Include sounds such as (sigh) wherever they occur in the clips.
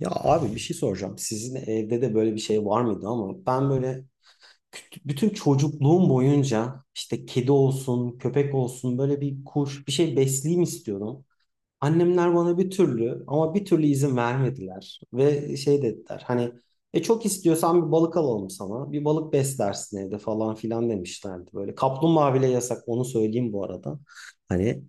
Ya abi bir şey soracağım. Sizin evde de böyle bir şey var mıydı ama ben böyle bütün çocukluğum boyunca işte kedi olsun, köpek olsun böyle bir kuş bir şey besleyeyim istiyordum. Annemler bana bir türlü ama bir türlü izin vermediler ve şey dediler hani çok istiyorsan bir balık alalım sana. Bir balık beslersin evde falan filan demişlerdi böyle. Kaplumbağa bile yasak onu söyleyeyim bu arada. Hani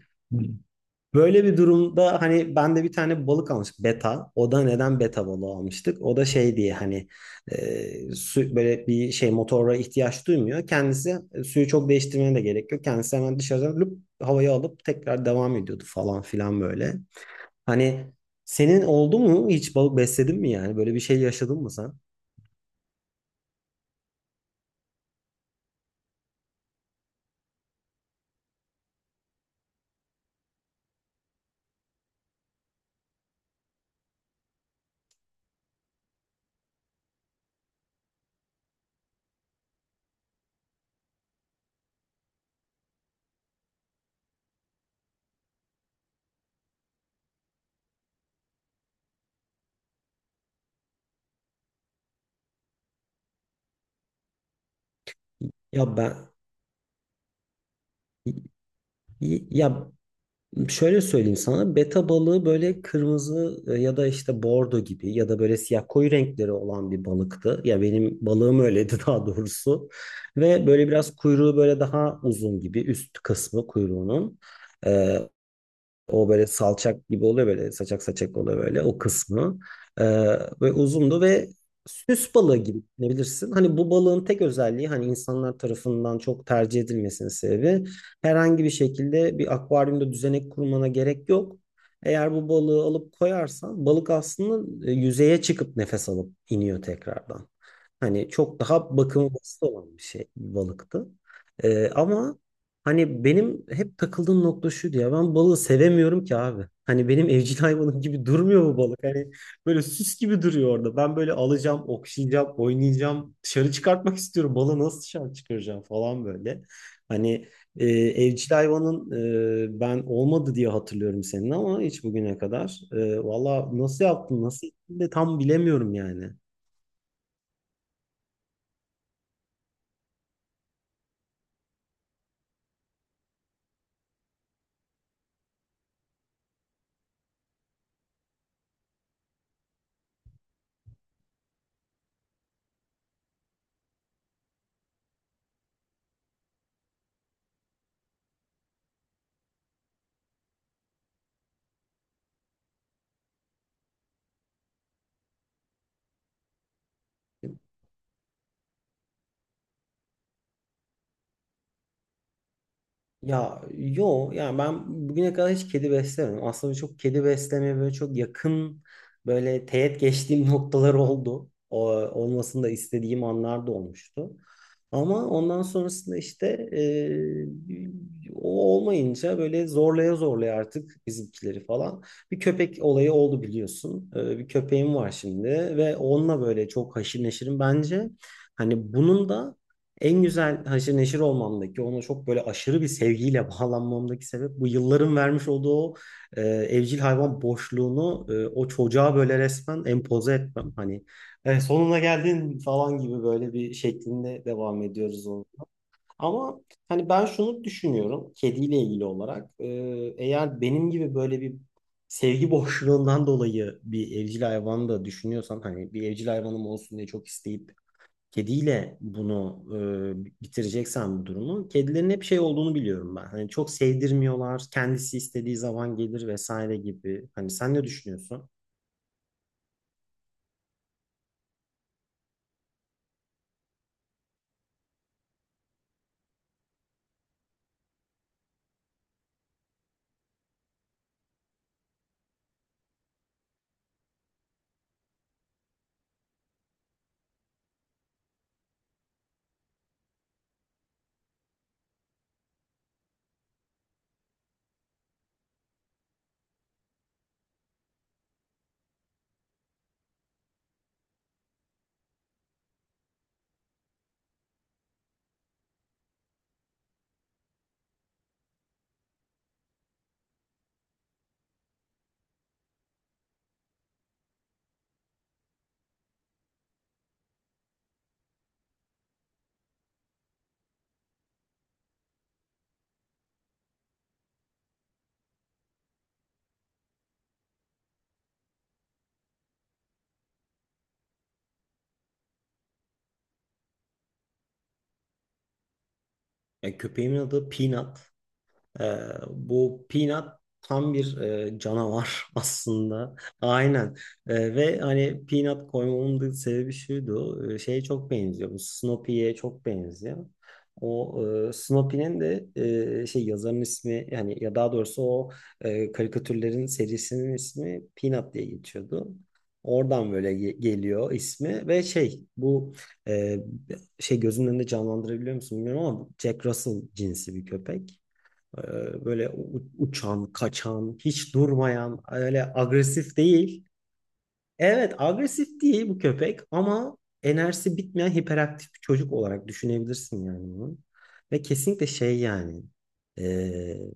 böyle bir durumda hani ben de bir tane balık almıştım, beta. O da neden beta balığı almıştık? O da şey diye hani su, böyle bir şey motora ihtiyaç duymuyor. Kendisi suyu çok değiştirmeye de gerek yok. Kendisi hemen dışarıdan lüp havaya alıp tekrar devam ediyordu falan filan böyle. Hani senin oldu mu, hiç balık besledin mi yani? Böyle bir şey yaşadın mı sen? Ya ben, ya şöyle söyleyeyim sana, beta balığı böyle kırmızı ya da işte bordo gibi ya da böyle siyah koyu renkleri olan bir balıktı. Ya benim balığım öyleydi (laughs) daha doğrusu. Ve böyle biraz kuyruğu böyle daha uzun gibi üst kısmı kuyruğunun. E, O böyle salçak gibi oluyor, böyle saçak saçak oluyor böyle o kısmı. Ee, Ve uzundu ve süs balığı gibi düşünebilirsin. Hani bu balığın tek özelliği, hani insanlar tarafından çok tercih edilmesinin sebebi, herhangi bir şekilde bir akvaryumda düzenek kurmana gerek yok. Eğer bu balığı alıp koyarsan balık aslında yüzeye çıkıp nefes alıp iniyor tekrardan. Hani çok daha bakımı basit olan bir şey, bir balıktı. Ama hani benim hep takıldığım nokta şuydu: ya ben balığı sevemiyorum ki abi. Hani benim evcil hayvanım gibi durmuyor bu balık. Hani böyle süs gibi duruyor orada. Ben böyle alacağım, okşayacağım, oynayacağım. Dışarı çıkartmak istiyorum. Balığı nasıl dışarı çıkaracağım falan böyle. Hani evcil hayvanın ben olmadı diye hatırlıyorum senin ama hiç bugüne kadar. E, valla nasıl yaptın, nasıl ettin de tam bilemiyorum yani. Ya yo, yani ben bugüne kadar hiç kedi beslemedim. Aslında çok kedi beslemeye böyle çok yakın, böyle teğet geçtiğim (laughs) noktalar oldu. O, olmasını da istediğim anlar da olmuştu. Ama ondan sonrasında işte e, o olmayınca böyle zorlaya zorlaya artık bizimkileri falan. Bir köpek olayı oldu, biliyorsun. E, bir köpeğim var şimdi ve onunla böyle çok haşır neşirim. Bence hani bunun da en güzel haşır neşir olmamdaki, ona çok böyle aşırı bir sevgiyle (laughs) bağlanmamdaki sebep, bu yılların vermiş olduğu o evcil hayvan boşluğunu o çocuğa böyle resmen empoze etmem. Hani "E, sonuna geldin" falan gibi böyle bir şeklinde devam ediyoruz onu. Ama hani ben şunu düşünüyorum kediyle ilgili olarak. Eğer benim gibi böyle bir sevgi (laughs) boşluğundan dolayı bir evcil hayvan da düşünüyorsan, hani bir evcil hayvanım olsun diye çok isteyip kediyle bunu bitireceksen bu durumu, kedilerin hep şey olduğunu biliyorum ben. Hani çok sevdirmiyorlar. Kendisi istediği zaman gelir vesaire gibi. Hani sen ne düşünüyorsun? Ya köpeğimin adı Peanut. Bu Peanut tam bir canavar (laughs) aslında. Aynen. Ve hani Peanut koymamın da sebebi şuydu, şeye çok benziyor. Bu Snoopy'ye çok benziyor. O Snoopy'nin de şey, yazarın ismi yani, ya daha doğrusu o karikatürlerin serisinin ismi Peanut diye geçiyordu. Oradan böyle geliyor ismi. Ve şey, bu e, şey, gözünün önünde canlandırabiliyor musun bilmiyorum ama Jack Russell cinsi bir köpek. Böyle uçan, kaçan, hiç durmayan, öyle agresif değil. Evet, agresif değil bu köpek ama enerjisi bitmeyen hiperaktif bir çocuk olarak düşünebilirsin yani bunu. Ve kesinlikle şey yani, e,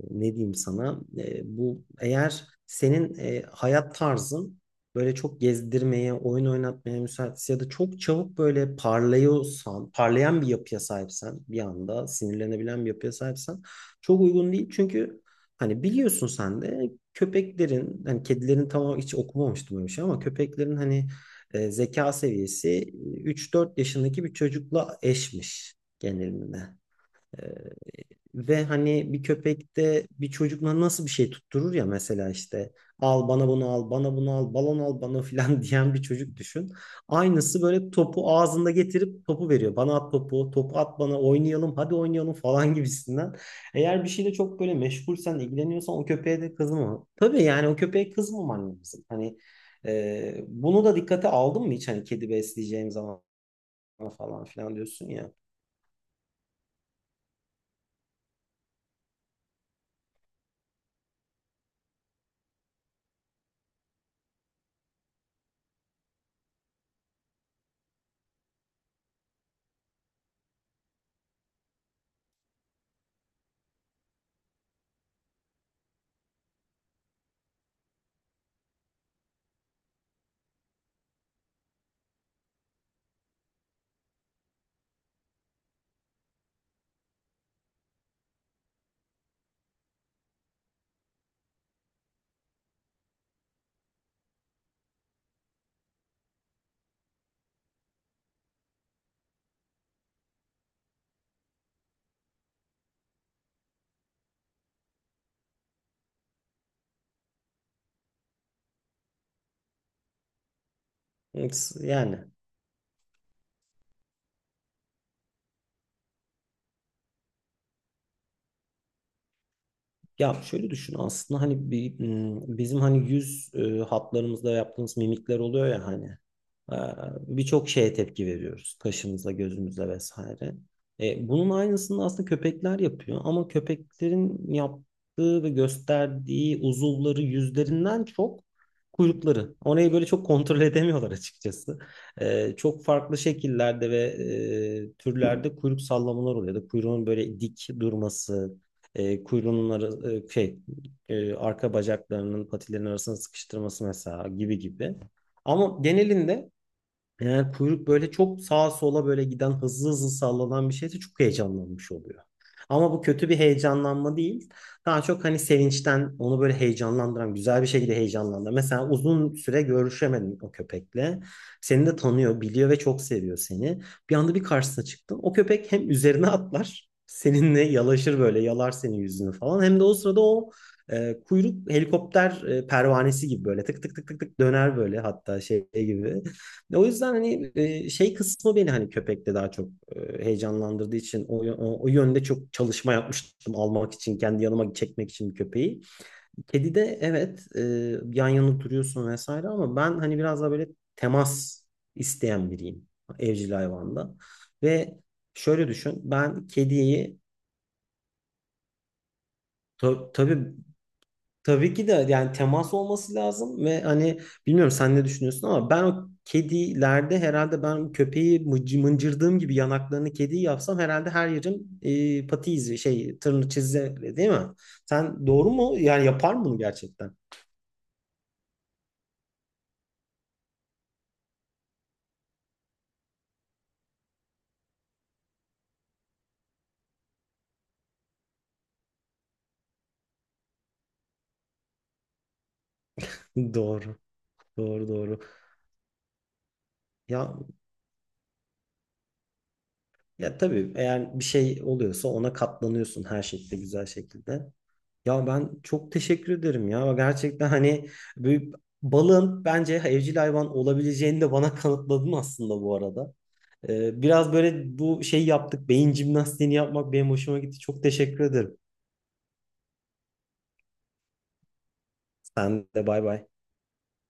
ne diyeyim sana, bu eğer senin hayat tarzın böyle çok gezdirmeye, oyun oynatmaya müsaitse ya da çok çabuk böyle parlıyorsan, parlayan bir yapıya sahipsen, bir anda sinirlenebilen bir yapıya sahipsen çok uygun değil. Çünkü hani biliyorsun sen de köpeklerin, hani kedilerin tam hiç okumamıştım öyle bir şey, ama köpeklerin hani zeka seviyesi üç dört yaşındaki bir çocukla eşmiş genelinde. Ee, Ve hani bir köpekte bir çocukla nasıl bir şey tutturur ya, mesela işte "al bana bunu, al bana bunu, al balon, al bana" filan (laughs) diyen bir çocuk düşün. Aynısı böyle topu ağzında getirip topu veriyor. "Bana at topu, topu at bana, oynayalım, hadi oynayalım" (laughs) falan gibisinden. Eğer bir şeyle çok böyle meşgulsen, ilgileniyorsan, o köpeğe de kızma. Tabii yani o köpeğe kızmaman lazım. Hani bunu da dikkate aldın mı hiç hani, "kedi besleyeceğim zaman" falan filan diyorsun ya. Evet, yani. Ya şöyle düşün, aslında hani bizim hani yüz hatlarımızda yaptığımız mimikler oluyor ya, hani e, birçok şeye tepki veriyoruz kaşımızla, gözümüzle vesaire. E, bunun aynısını aslında köpekler yapıyor ama köpeklerin yaptığı ve gösterdiği uzuvları yüzlerinden çok kuyrukları. Orayı böyle çok kontrol (laughs) edemiyorlar açıkçası. E, çok farklı şekillerde ve türlerde kuyruk sallamalar oluyor ya da kuyruğun böyle dik durması, kuyruğunun ara, e, şey e, arka bacaklarının, patilerin arasına sıkıştırması mesela, gibi gibi. Ama genelinde eğer kuyruk böyle çok sağa sola böyle giden, hızlı hızlı sallanan bir şeyse çok heyecanlanmış oluyor. Ama bu kötü bir heyecanlanma değil. Daha çok hani sevinçten onu böyle heyecanlandıran, güzel bir şekilde heyecanlandıran. Mesela uzun süre görüşemedin o köpekle. Seni de tanıyor, biliyor ve çok seviyor seni. Bir anda bir karşısına çıktın. O köpek hem üzerine atlar, seninle yalaşır böyle, yalar senin yüzünü falan. Hem de o sırada o kuyruk helikopter pervanesi gibi böyle tık tık tık tık tık döner böyle, hatta şey gibi. O yüzden hani şey kısmı beni hani köpekte daha çok heyecanlandırdığı için o yönde çok çalışma yapmıştım, almak için, kendi yanıma çekmek için bir köpeği. Kedide evet yan yana duruyorsun vesaire ama ben hani biraz daha böyle temas isteyen biriyim evcil hayvanda. Ve şöyle düşün, ben kediyi tabii, tabii ki de, yani temas olması lazım ve hani bilmiyorum sen ne düşünüyorsun ama ben o kedilerde herhalde, ben köpeği mıncırdığım gibi yanaklarını kediyi yapsam herhalde her yerim pati izi, şey, tırnı çizgi, değil mi? Sen, doğru mu? Yani yapar mı bunu gerçekten? Doğru. Doğru doğru. Ya, ya tabii, eğer bir şey oluyorsa ona katlanıyorsun her şekilde, güzel şekilde. Ya ben çok teşekkür ederim ya. Gerçekten hani bir balığın bence evcil hayvan olabileceğini de bana (laughs) kanıtladın aslında bu arada. Biraz böyle bu şey yaptık. Beyin jimnastiğini yapmak benim hoşuma gitti. Çok teşekkür ederim. Sen de bay bay.